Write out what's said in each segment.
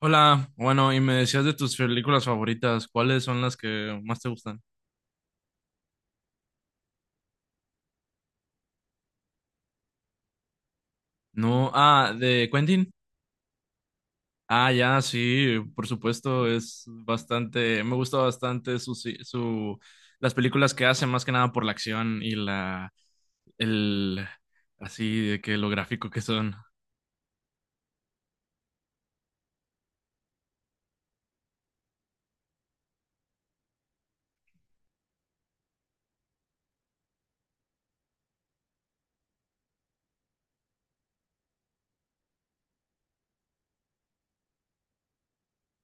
Hola, bueno, y me decías de tus películas favoritas, ¿cuáles son las que más te gustan? No, de Quentin. Ya, sí, por supuesto, es bastante, me gusta bastante su, si, su, las películas que hace, más que nada por la acción y el, así, de que lo gráfico que son.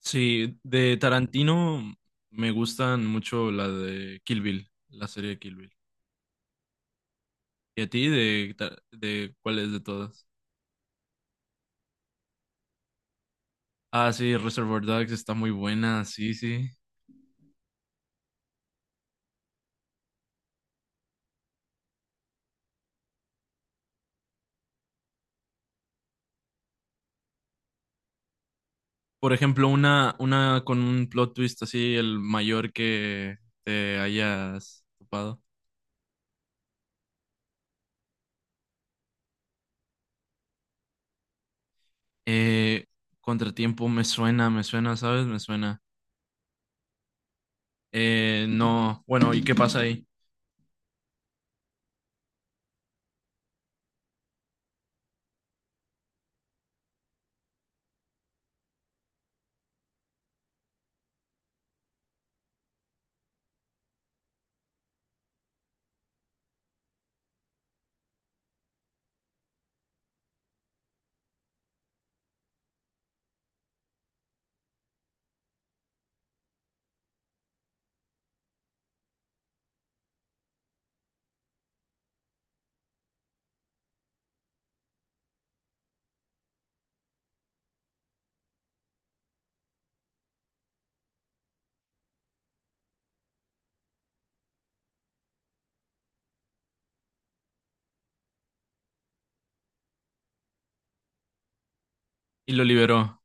Sí, de Tarantino me gustan mucho la de Kill Bill, la serie de Kill Bill. ¿Y a ti, de cuál es de todas? Ah, sí, Reservoir Dogs está muy buena, sí, sí. Por ejemplo, una con un plot twist así, el mayor que te hayas topado. Eh, Contratiempo me suena, ¿sabes? Me suena. No, bueno, ¿y qué pasa ahí? Y lo liberó.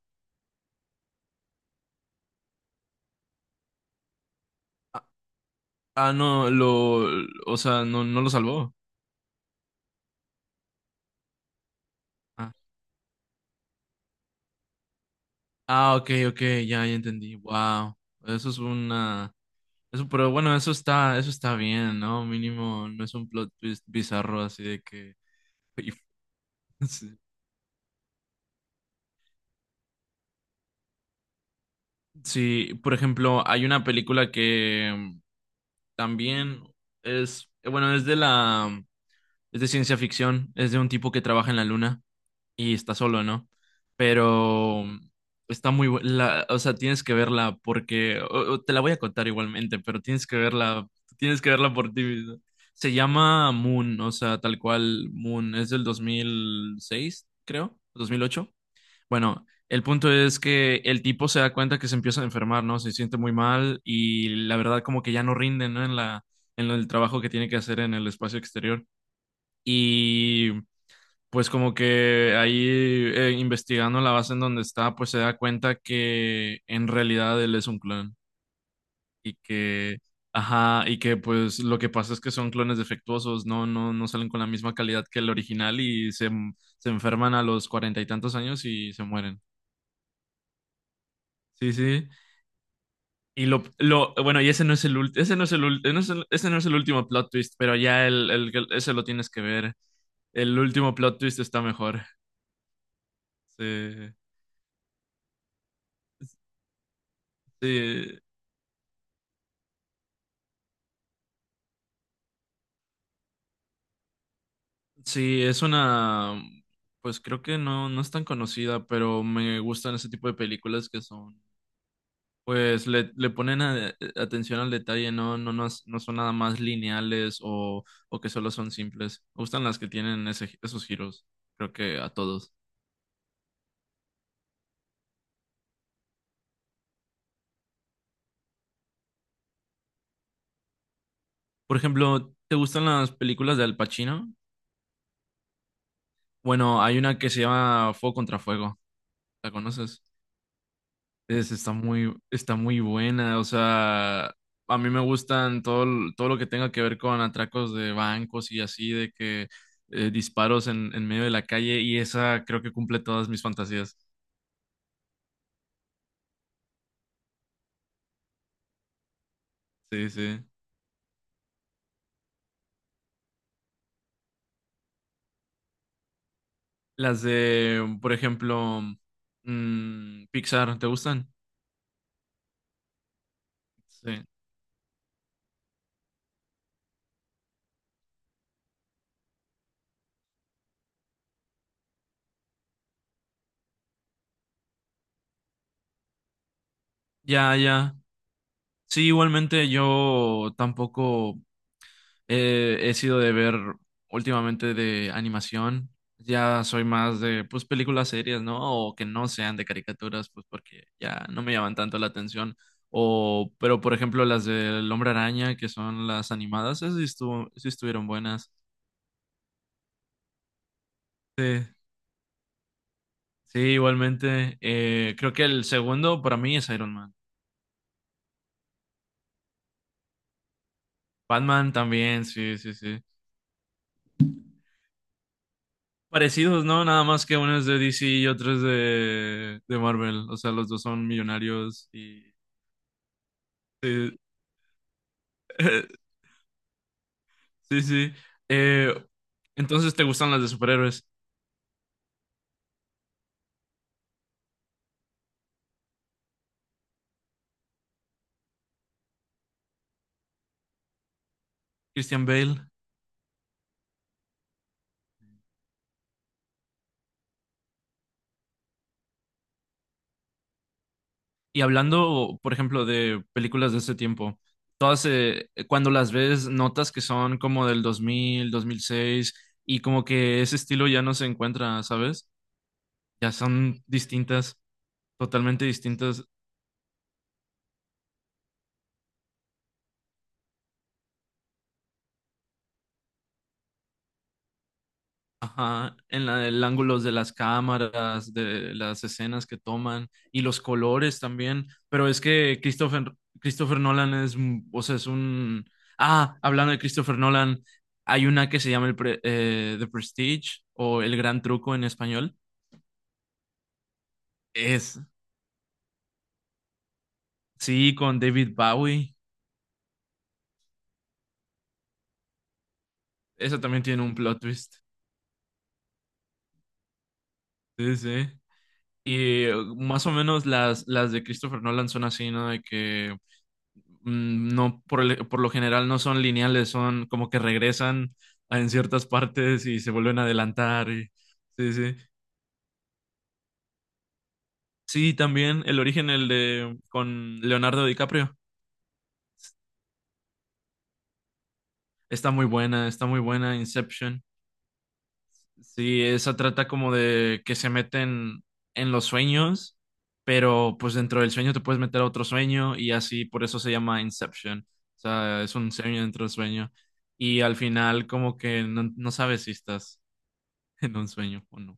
Ah, no, o sea, no lo salvó. Ah, ok, ok, ya entendí. Wow, eso es una... Eso, pero bueno, eso está bien, ¿no? Mínimo, no es un plot twist bizarro así de que sí. Sí, por ejemplo, hay una película que también es de es de ciencia ficción, es de un tipo que trabaja en la luna y está solo, ¿no? Pero está muy buena, o sea, tienes que verla porque o te la voy a contar igualmente, pero tienes que verla por ti mismo. Se llama Moon, o sea, tal cual Moon, es del 2006 creo, 2008. Bueno, el punto es que el tipo se da cuenta que se empieza a enfermar, ¿no? Se siente muy mal y la verdad como que ya no rinde, ¿no? En el trabajo que tiene que hacer en el espacio exterior. Y pues como que ahí investigando la base en donde está, pues se da cuenta que en realidad él es un clon y que, ajá, y que pues lo que pasa es que son clones defectuosos, no salen con la misma calidad que el original se enferman a los cuarenta y tantos años y se mueren. Sí, sí. Bueno, y ese no es el último, ese no es el último plot twist, pero ya ese lo tienes que ver. El último plot twist está mejor. Sí, sí, sí, es una, pues creo que no es tan conocida, pero me gustan ese tipo de películas que son, pues le ponen atención al detalle, no son nada más lineales o que solo son simples. Me gustan las que tienen esos giros, creo que a todos. Por ejemplo, ¿te gustan las películas de Al Pacino? Bueno, hay una que se llama Fuego contra Fuego. ¿La conoces? Está está muy buena. O sea, a mí me gustan todo lo que tenga que ver con atracos de bancos y así, de que disparos en medio de la calle. Y esa creo que cumple todas mis fantasías. Sí, sí. Las de, por ejemplo, Pixar, ¿te gustan? Sí. Ya, ya. Sí, igualmente yo tampoco he sido de ver últimamente de animación. Ya soy más de, pues, películas serias, ¿no? O que no sean de caricaturas, pues, porque ya no me llaman tanto la atención. O, pero, por ejemplo, las del Hombre Araña, que son las animadas, esas sí, sí estuvieron buenas. Sí, sí, igualmente. Creo que el segundo para mí es Iron Man. Batman también, sí, sí, sí. Parecidos, ¿no? Nada más que uno es de DC y otro es de Marvel. O sea, los dos son millonarios y sí. Sí, sí. Eh, entonces, ¿te gustan las de superhéroes? Christian Bale. Y hablando, por ejemplo, de películas de ese tiempo, todas, cuando las ves, notas que son como del 2000, 2006 y como que ese estilo ya no se encuentra, ¿sabes? Ya son distintas, totalmente distintas. Ajá, en el ángulos de las cámaras, de las escenas que toman y los colores también. Pero es que Christopher Nolan es, o sea, es un... Ah, hablando de Christopher Nolan, hay una que se llama The Prestige o El Gran Truco en español. Es, sí, con David Bowie. Esa también tiene un plot twist. Sí, sí. Y más o menos las de Christopher Nolan son así, ¿no? De que mm, no, por, el- por lo general no son lineales, son como que regresan en ciertas partes y se vuelven a adelantar. Y sí, sí. Sí, también el origen, el de con Leonardo DiCaprio. Está muy buena Inception. Sí, esa trata como de que se meten en los sueños, pero pues dentro del sueño te puedes meter a otro sueño y así, por eso se llama Inception. O sea, es un sueño dentro del sueño. Y al final como que no sabes si estás en un sueño o no.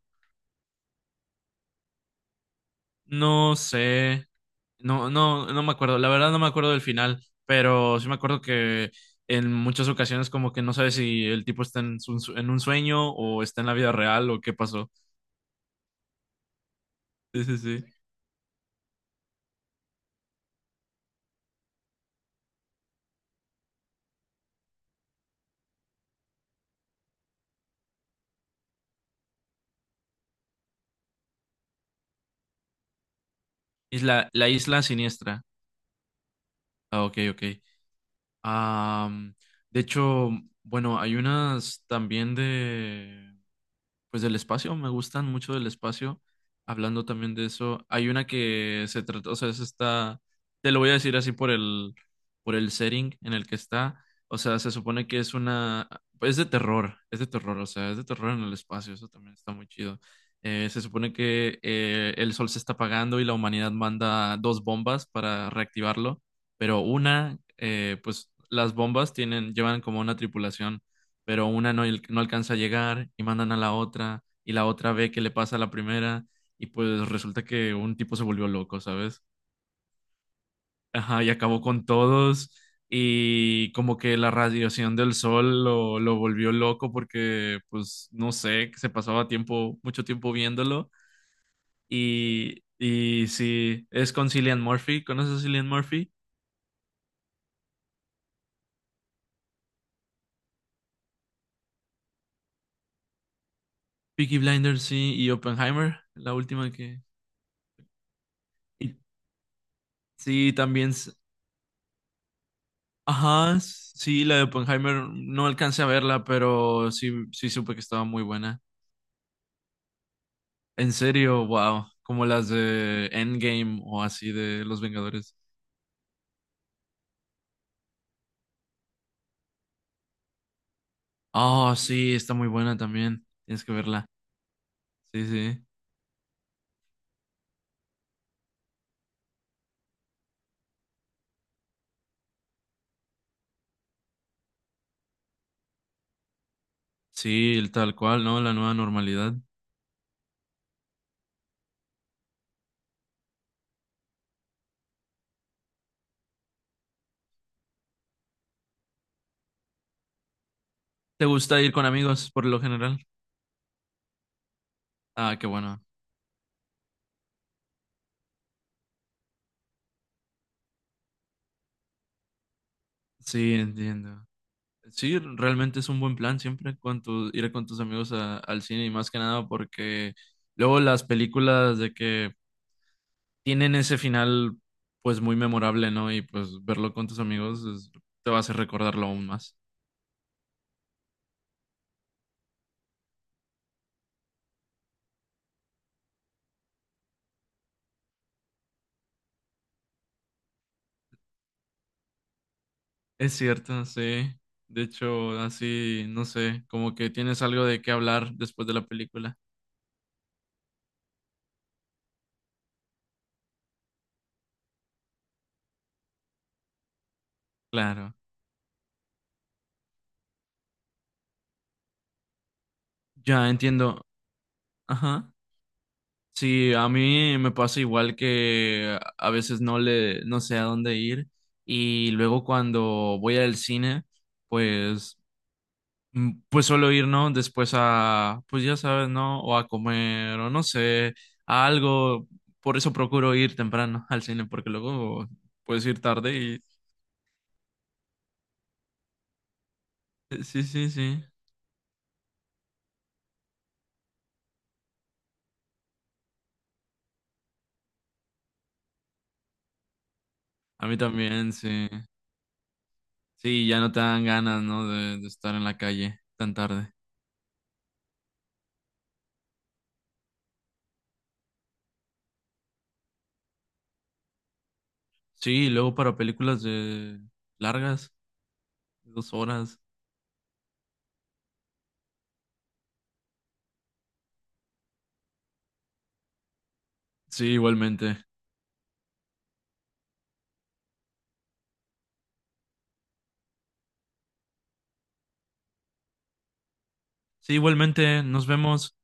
No sé. No me acuerdo. La verdad no me acuerdo del final, pero sí me acuerdo que en muchas ocasiones como que no sabes si el tipo está en un sueño o está en la vida real o qué pasó. Sí, sí, sí. Isla, la isla siniestra. Ah, ok, ok. Am, de hecho, bueno, hay unas también de... Pues del espacio, me gustan mucho del espacio. Hablando también de eso, hay una que se trata, o sea, es esta, te lo voy a decir así por el setting en el que está. O sea, se supone que es una, pues, es de terror, o sea, es de terror en el espacio, eso también está muy chido. Se supone que el sol se está apagando y la humanidad manda dos bombas para reactivarlo, pero una, pues las bombas tienen, llevan como una tripulación, pero una no, no alcanza a llegar y mandan a la otra y la otra ve que le pasa a la primera y pues resulta que un tipo se volvió loco, ¿sabes? Ajá, y acabó con todos y como que la radiación del sol lo volvió loco porque pues no sé, que se pasaba tiempo, mucho tiempo viéndolo y sí, es con Cillian Murphy, ¿conoces a Cillian Murphy? Peaky Blinders, sí, y Oppenheimer, la última que... y- Sí, también ajá, sí, la de Oppenheimer no alcancé a verla, pero sí, sí supe que estaba muy buena. En serio, wow, como las de Endgame o así de Los Vengadores. Oh, sí, está muy buena también. Tienes que verla. Sí, sí. Sí, el tal cual, ¿no? La nueva normalidad. ¿Te gusta ir con amigos por lo general? Ah, qué bueno. Sí, entiendo. Sí, realmente es un buen plan siempre con ir con tus amigos al cine y más que nada porque luego las películas de que tienen ese final pues muy memorable, ¿no? Y pues verlo con tus amigos es- te va a hacer recordarlo aún más. Es cierto, sí. De hecho, así, no sé, como que tienes algo de qué hablar después de la película. Claro. Ya entiendo. Ajá. Sí, a mí me pasa igual que a veces no sé a dónde ir y luego cuando voy al cine, pues mm, pues solo ir, ¿no? Después a, pues ya sabes, ¿no? O a comer, o no sé, a algo. Por eso procuro ir temprano al cine, porque luego puedes ir tarde y... Sí, sí, sí. A mí también, sí. Sí, ya no te dan ganas, ¿no? De estar en la calle tan tarde. Sí, y luego para películas de largas, 2 horas. Sí, igualmente. Sí, igualmente, nos vemos.